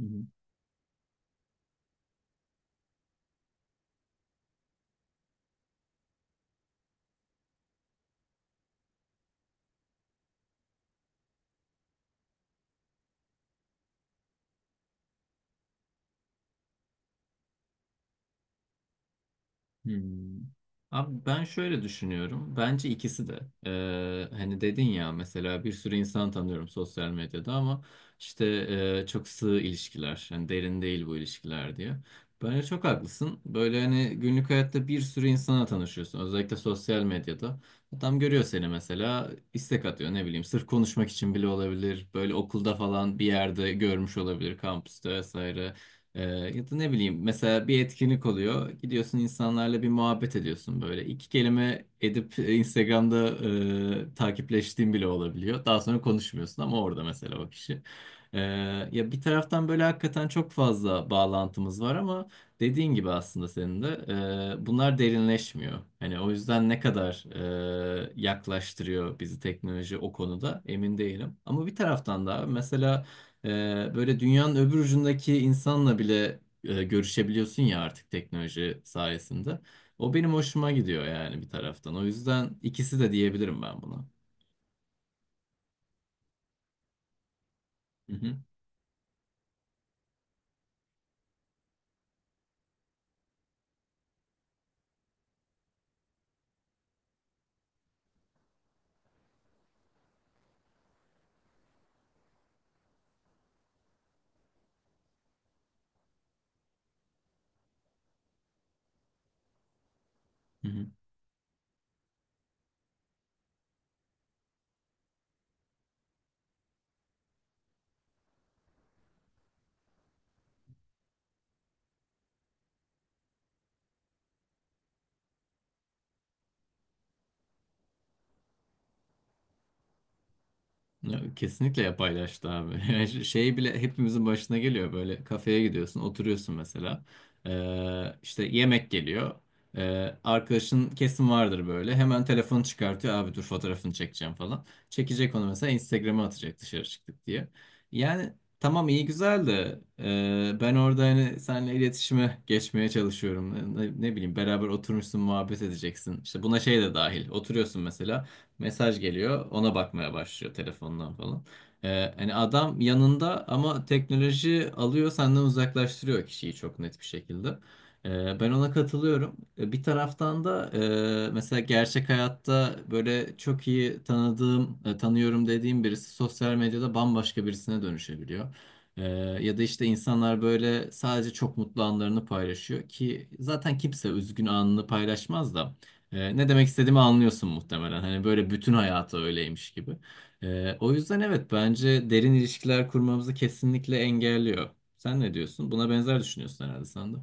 Hı hı. Hmm. Abi ben şöyle düşünüyorum. Bence ikisi de. Hani dedin ya mesela bir sürü insan tanıyorum sosyal medyada ama işte çok sığ ilişkiler. Hani derin değil bu ilişkiler diye. Bence çok haklısın. Böyle hani günlük hayatta bir sürü insana tanışıyorsun. Özellikle sosyal medyada. Adam görüyor seni mesela istek atıyor ne bileyim. Sırf konuşmak için bile olabilir. Böyle okulda falan bir yerde görmüş olabilir. Kampüste vesaire. Ee, Ya da ne bileyim mesela bir etkinlik oluyor. Gidiyorsun insanlarla bir muhabbet ediyorsun böyle. İki kelime edip Instagram'da takipleştiğin bile olabiliyor. Daha sonra konuşmuyorsun ama orada mesela o kişi. Ee, Ya bir taraftan böyle hakikaten çok fazla bağlantımız var ama dediğin gibi aslında senin de bunlar derinleşmiyor. Hani o yüzden ne kadar yaklaştırıyor bizi teknoloji o konuda emin değilim. Ama bir taraftan da mesela böyle dünyanın öbür ucundaki insanla bile görüşebiliyorsun ya artık teknoloji sayesinde. O benim hoşuma gidiyor yani bir taraftan. O yüzden ikisi de diyebilirim ben buna. Hı hı. Hı hı. Ya, kesinlikle yapaylaştı abi. Yani şey bile hepimizin başına geliyor böyle kafeye gidiyorsun oturuyorsun mesela. İşte yemek geliyor. Arkadaşın kesin vardır böyle hemen telefonu çıkartıyor abi dur fotoğrafını çekeceğim falan, çekecek onu mesela Instagram'a atacak dışarı çıktık diye. Yani tamam iyi güzel de ben orada hani seninle iletişime geçmeye çalışıyorum, ne bileyim beraber oturmuşsun muhabbet edeceksin işte buna şey de dahil, oturuyorsun mesela. Mesaj geliyor. Ona bakmaya başlıyor telefondan falan. Hani adam yanında ama teknoloji alıyor senden, uzaklaştırıyor kişiyi çok net bir şekilde. Ben ona katılıyorum. Bir taraftan da mesela gerçek hayatta böyle çok iyi tanıdığım, tanıyorum dediğim birisi sosyal medyada bambaşka birisine dönüşebiliyor. Ee, Ya da işte insanlar böyle sadece çok mutlu anlarını paylaşıyor ki zaten kimse üzgün anını paylaşmaz da. Ne demek istediğimi anlıyorsun muhtemelen. Hani böyle bütün hayatı öyleymiş gibi. O yüzden evet bence derin ilişkiler kurmamızı kesinlikle engelliyor. Sen ne diyorsun? Buna benzer düşünüyorsun herhalde sen de.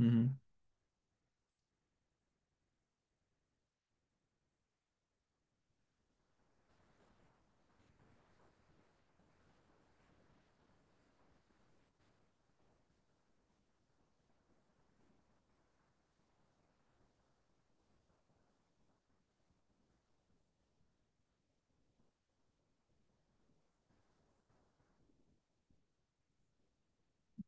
Hı hı.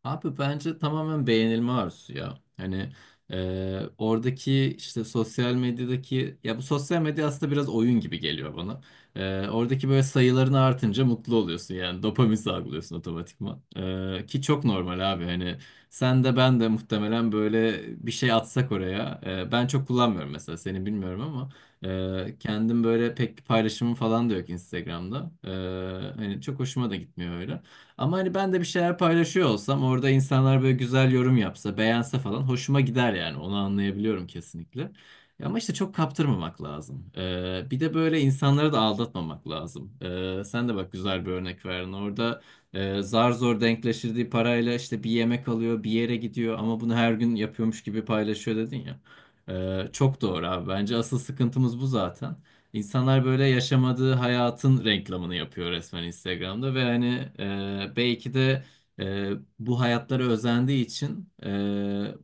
Abi bence tamamen beğenilme arzusu ya. Hani oradaki işte sosyal medyadaki, ya bu sosyal medya aslında biraz oyun gibi geliyor bana. Oradaki böyle sayıların artınca mutlu oluyorsun yani dopamin salgılıyorsun otomatikman. E, ki çok normal abi hani sen de ben de muhtemelen böyle bir şey atsak oraya. Ben çok kullanmıyorum mesela, seni bilmiyorum ama kendim böyle pek paylaşımım falan da yok Instagram'da. Hani çok hoşuma da gitmiyor öyle. Ama hani ben de bir şeyler paylaşıyor olsam orada insanlar böyle güzel yorum yapsa, beğense falan hoşuma gider yani. Onu anlayabiliyorum kesinlikle. Ya ama işte çok kaptırmamak lazım. Bir de böyle insanları da aldatmamak lazım. Sen de bak güzel bir örnek verdin. Orada zar zor denkleştirdiği parayla işte bir yemek alıyor, bir yere gidiyor ama bunu her gün yapıyormuş gibi paylaşıyor dedin ya. Çok doğru abi. Bence asıl sıkıntımız bu zaten. İnsanlar böyle yaşamadığı hayatın reklamını yapıyor resmen Instagram'da ve hani belki de e, bu hayatlara özendiği için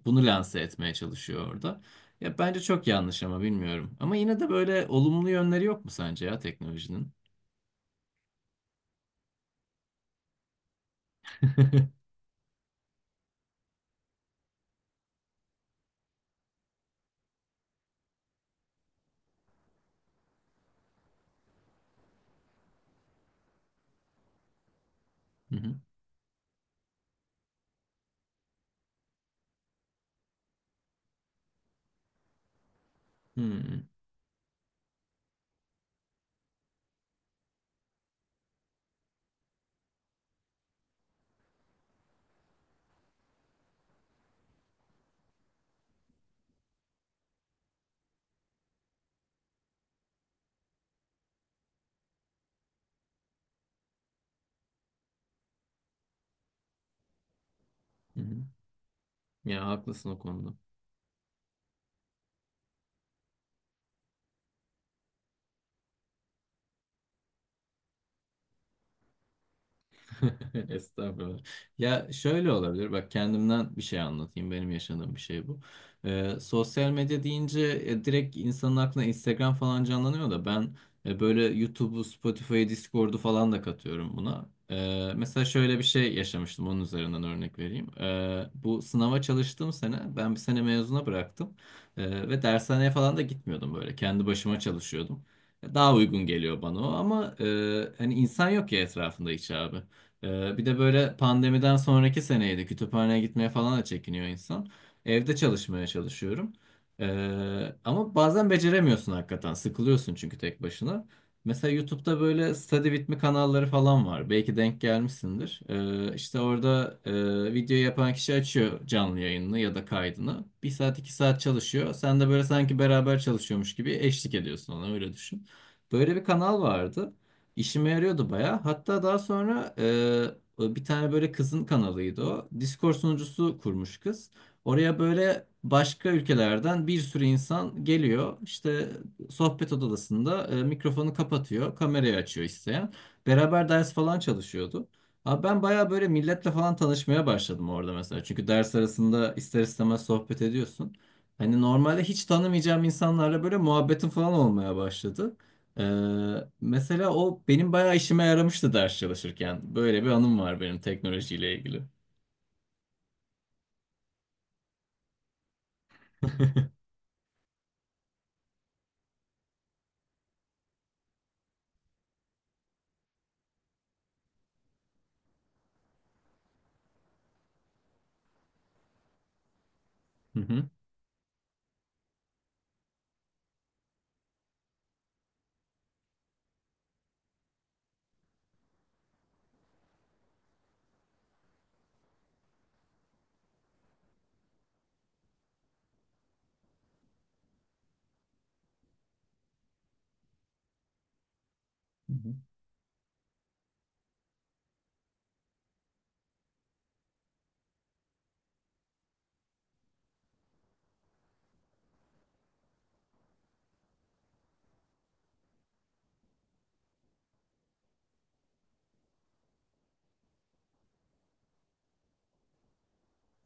bunu lanse etmeye çalışıyor orada. Ya bence çok yanlış ama bilmiyorum. Ama yine de böyle olumlu yönleri yok mu sence ya teknolojinin? Hı hı. Hı hı. Hı hı. Ya haklısın o konuda. Estağfurullah. Ya şöyle olabilir. Bak kendimden bir şey anlatayım. Benim yaşadığım bir şey bu. Sosyal medya deyince direkt insanın aklına Instagram falan canlanıyor da, ben böyle YouTube'u, Spotify'ı, Discord'u falan da katıyorum buna. Mesela şöyle bir şey yaşamıştım. Onun üzerinden örnek vereyim. Bu sınava çalıştığım sene ben bir sene mezuna bıraktım. Ve dershaneye falan da gitmiyordum böyle. Kendi başıma çalışıyordum. Daha uygun geliyor bana o ama hani insan yok ya etrafında hiç abi. Bir de böyle pandemiden sonraki seneydi. Kütüphaneye gitmeye falan da çekiniyor insan. Evde çalışmaya çalışıyorum. Ama bazen beceremiyorsun hakikaten. Sıkılıyorsun çünkü tek başına. Mesela YouTube'da böyle study with me kanalları falan var. Belki denk gelmişsindir. İşte orada video yapan kişi açıyor canlı yayınını ya da kaydını. Bir saat iki saat çalışıyor. Sen de böyle sanki beraber çalışıyormuş gibi eşlik ediyorsun ona, öyle düşün. Böyle bir kanal vardı. İşime yarıyordu baya. Hatta daha sonra bir tane böyle kızın kanalıydı o. Discord sunucusu kurmuş kız. Oraya böyle başka ülkelerden bir sürü insan geliyor. İşte sohbet odasında mikrofonu kapatıyor, kamerayı açıyor isteyen. Beraber ders falan çalışıyordu. Abi ben baya böyle milletle falan tanışmaya başladım orada mesela. Çünkü ders arasında ister istemez sohbet ediyorsun. Hani normalde hiç tanımayacağım insanlarla böyle muhabbetim falan olmaya başladı. Mesela o benim bayağı işime yaramıştı ders çalışırken. Böyle bir anım var benim teknolojiyle ilgili. Hı hı.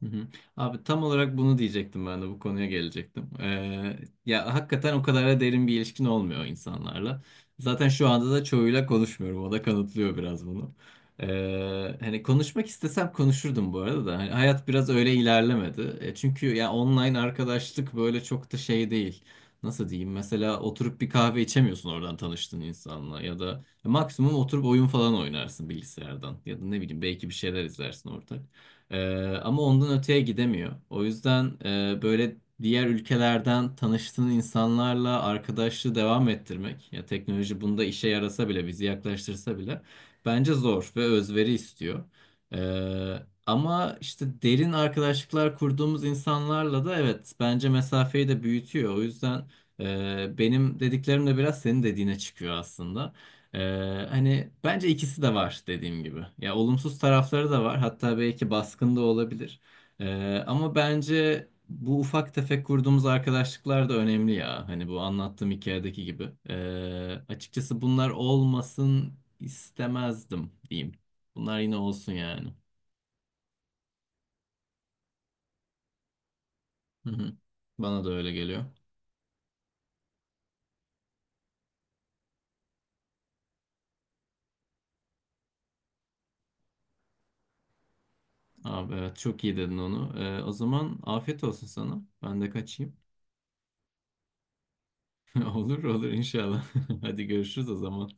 Hı hı. Abi tam olarak bunu diyecektim, ben de bu konuya gelecektim. Ya hakikaten o kadar da derin bir ilişkin olmuyor insanlarla. Zaten şu anda da çoğuyla konuşmuyorum. O da kanıtlıyor biraz bunu. Hani konuşmak istesem konuşurdum bu arada da. Hani hayat biraz öyle ilerlemedi. E, çünkü ya online arkadaşlık böyle çok da şey değil. Nasıl diyeyim? Mesela oturup bir kahve içemiyorsun oradan tanıştığın insanla, ya da maksimum oturup oyun falan oynarsın bilgisayardan ya da ne bileyim belki bir şeyler izlersin ortak. Ama ondan öteye gidemiyor. O yüzden böyle diğer ülkelerden tanıştığın insanlarla arkadaşlığı devam ettirmek, ya teknoloji bunda işe yarasa bile, bizi yaklaştırsa bile bence zor ve özveri istiyor. Ee, Ama işte derin arkadaşlıklar kurduğumuz insanlarla da evet bence mesafeyi de büyütüyor. O yüzden benim dediklerim de biraz senin dediğine çıkıyor aslında. Hani bence ikisi de var dediğim gibi. Ya olumsuz tarafları da var. Hatta belki baskın da olabilir. Ama bence bu ufak tefek kurduğumuz arkadaşlıklar da önemli ya. Hani bu anlattığım hikayedeki gibi. Açıkçası bunlar olmasın istemezdim diyeyim. Bunlar yine olsun yani. Hı hı. Bana da öyle geliyor. Abi evet çok iyi dedin onu. O zaman afiyet olsun sana. Ben de kaçayım. Olur olur inşallah. Hadi görüşürüz o zaman.